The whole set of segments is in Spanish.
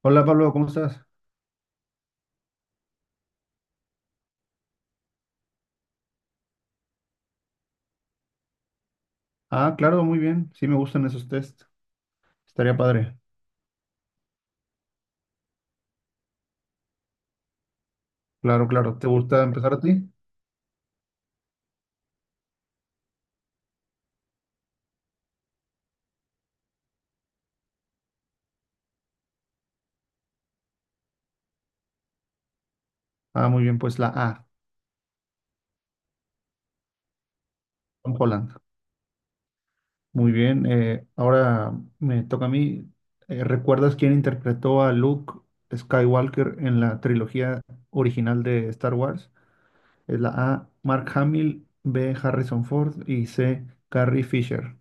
Hola Pablo, ¿cómo estás? Ah, claro, muy bien. Sí, me gustan esos test. Estaría padre. Claro, claro. ¿Te gusta empezar a ti? Ah, muy bien, pues la A, Tom Holland. Muy bien. Ahora me toca a mí. ¿Recuerdas quién interpretó a Luke Skywalker en la trilogía original de Star Wars? Es la A, Mark Hamill, B, Harrison Ford y C, Carrie Fisher.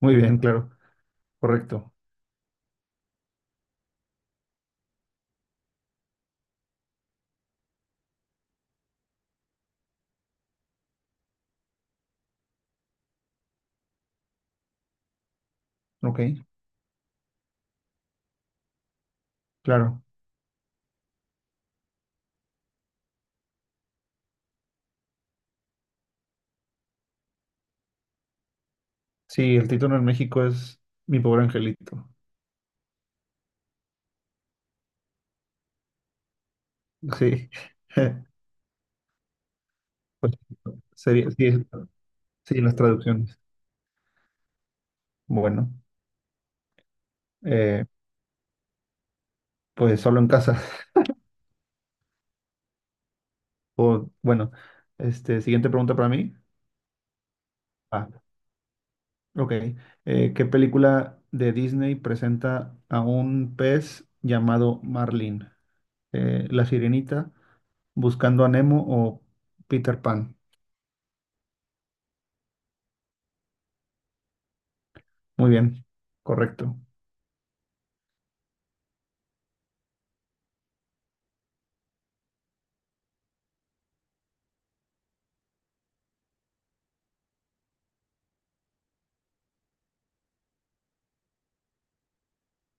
Muy bien, claro. Correcto. Ok, claro. Sí, el título en México es Mi pobre angelito. Sí. Pues, sería, sí, sí, las traducciones. Bueno, eh, pues solo en casa. O, bueno, este, siguiente pregunta para mí. Ah, ok. ¿Qué película de Disney presenta a un pez llamado Marlin? ¿La Sirenita, Buscando a Nemo o Peter Pan? Muy bien, correcto.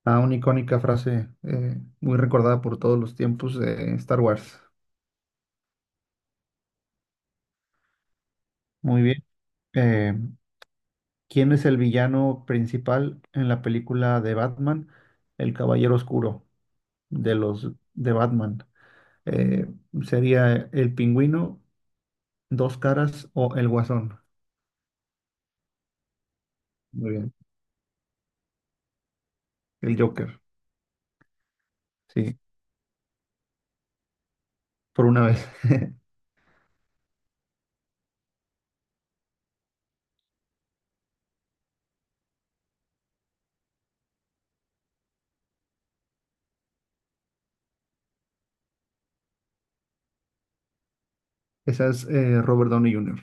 Ah, una icónica frase muy recordada por todos los tiempos de Star Wars. Muy bien. eh, ¿Quién es el villano principal en la película de Batman? El Caballero Oscuro de los de Batman. Eh, Sería el Pingüino, Dos Caras o el Guasón. Muy bien. El Joker. Sí, por una vez. Esa es Robert Downey Jr.,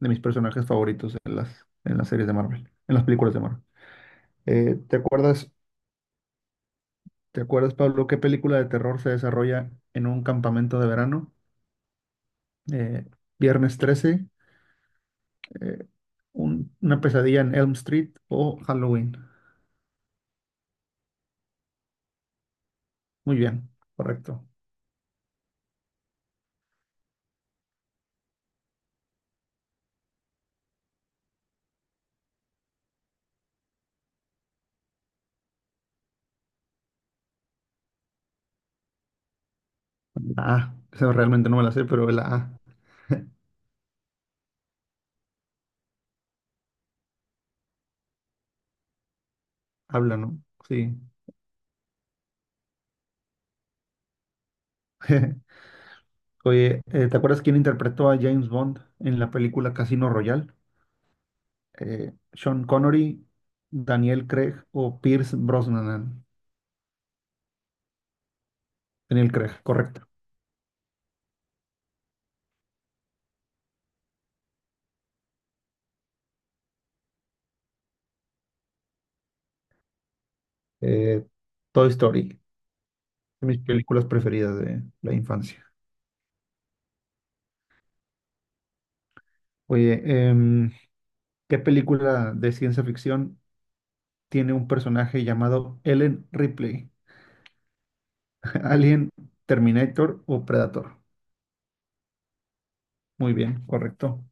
de mis personajes favoritos en las series de Marvel, en las películas de Marvel. Eh, ¿te acuerdas, te acuerdas, Pablo, qué película de terror se desarrolla en un campamento de verano? Eh, Viernes 13, eh, una pesadilla en Elm Street o Halloween. Muy bien, correcto. La A. Esa realmente no me la sé, pero la A habla, ¿no? Sí. Oye, ¿te acuerdas quién interpretó a James Bond en la película Casino Royale? Sean Connery, Daniel Craig o Pierce Brosnan. Daniel Craig, correcto. Eh, Toy Story, de mis películas preferidas de la infancia. Oye, em, ¿qué película de ciencia ficción tiene un personaje llamado Ellen Ripley, Alien, Terminator o Predator? Muy bien, correcto.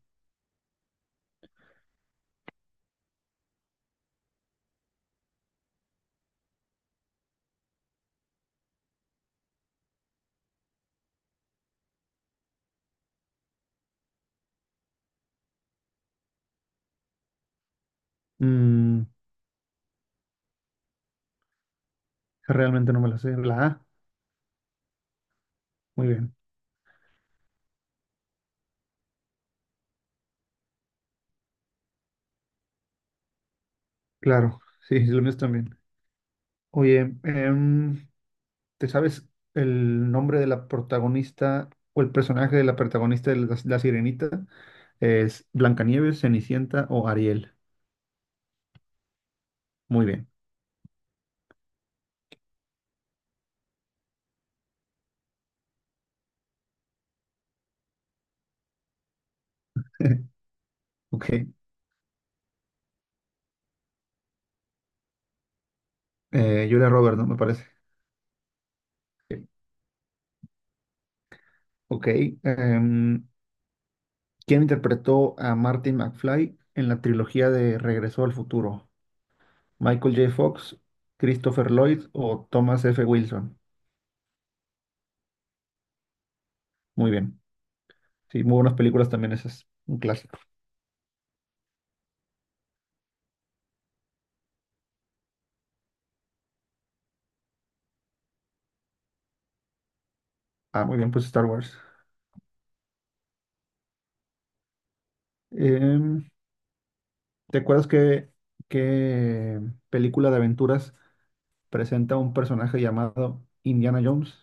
Mm, realmente no me la sé. La A, muy bien. Claro, sí, sí, lo mío también. Oye, ¿te sabes el nombre de la protagonista o el personaje de la protagonista de La Sirenita? ¿Es Blancanieves, Cenicienta o Ariel? Muy bien. Ok. Julia Roberts, ¿no? Me parece. Ok. Ok, em, ¿quién interpretó a Martin McFly en la trilogía de Regreso al Futuro? ¿Michael J. Fox, Christopher Lloyd o Thomas F. Wilson? Muy bien. Sí, muy buenas películas también esas. Un clásico. Ah, muy bien, pues Star Wars. Em, ¿Te acuerdas que qué película de aventuras presenta un personaje llamado Indiana Jones?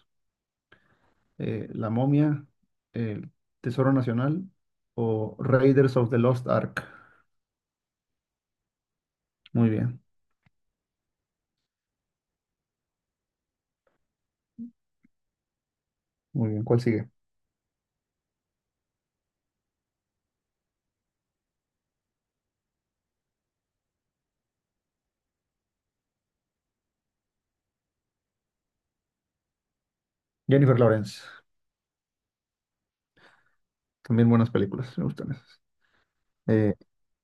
¿La momia, el Tesoro Nacional o Raiders of the Lost Ark? Muy bien, muy bien. ¿Cuál sigue? Jennifer Lawrence. También buenas películas, me gustan esas. Eh,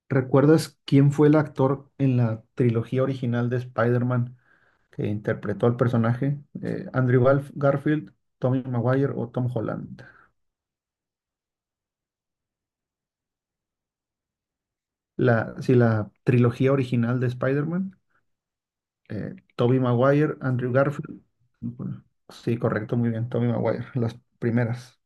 ¿Recuerdas quién fue el actor en la trilogía original de Spider-Man que interpretó al personaje? ¿Andrew Garfield, Tommy Maguire o Tom Holland? La, sí, la trilogía original de Spider-Man, Tobey Maguire, Andrew Garfield. Bueno, sí, correcto, muy bien, Tommy Maguire, las primeras.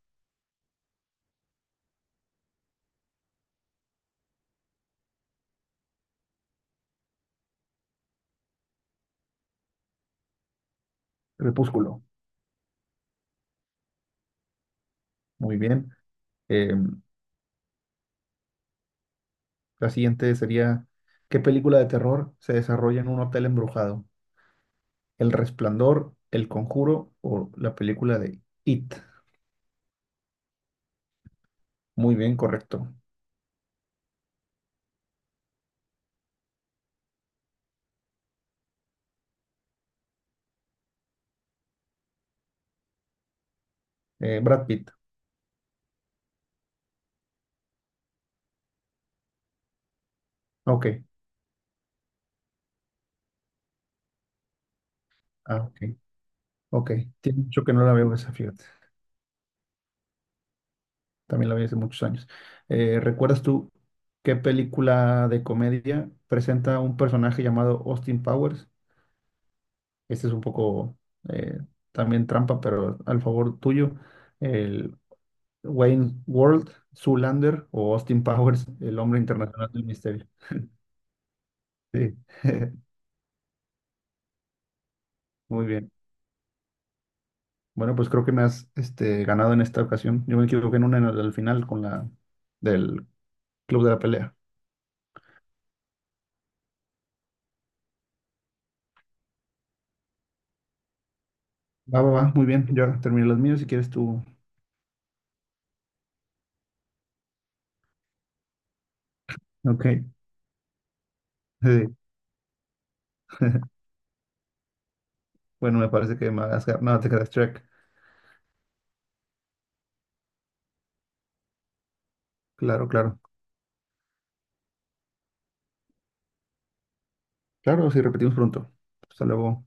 Crepúsculo, muy bien. Eh, la siguiente sería, ¿qué película de terror se desarrolla en un hotel embrujado? El Resplandor, El Conjuro o la película de It. Muy bien, correcto. Brad Pitt. Ok. Ah, ok. Ok. Tiene mucho que no la veo esa, fíjate. También la vi hace muchos años. ¿Recuerdas tú qué película de comedia presenta un personaje llamado Austin Powers? Este es un poco eh, también trampa, pero al favor tuyo. El Wayne World, Zoolander o Austin Powers, el hombre internacional del misterio. Sí. Muy bien. Bueno, pues creo que me has este, ganado en esta ocasión. Yo me equivoqué en una en al final con la del club de la pelea. Va, va, va, muy bien. Yo ahora terminé los míos si quieres tú. Ok. Sí. Bueno, me parece que me has ganado. No, te quedas track. Claro, claro. Claro, sí, repetimos pronto. Hasta luego.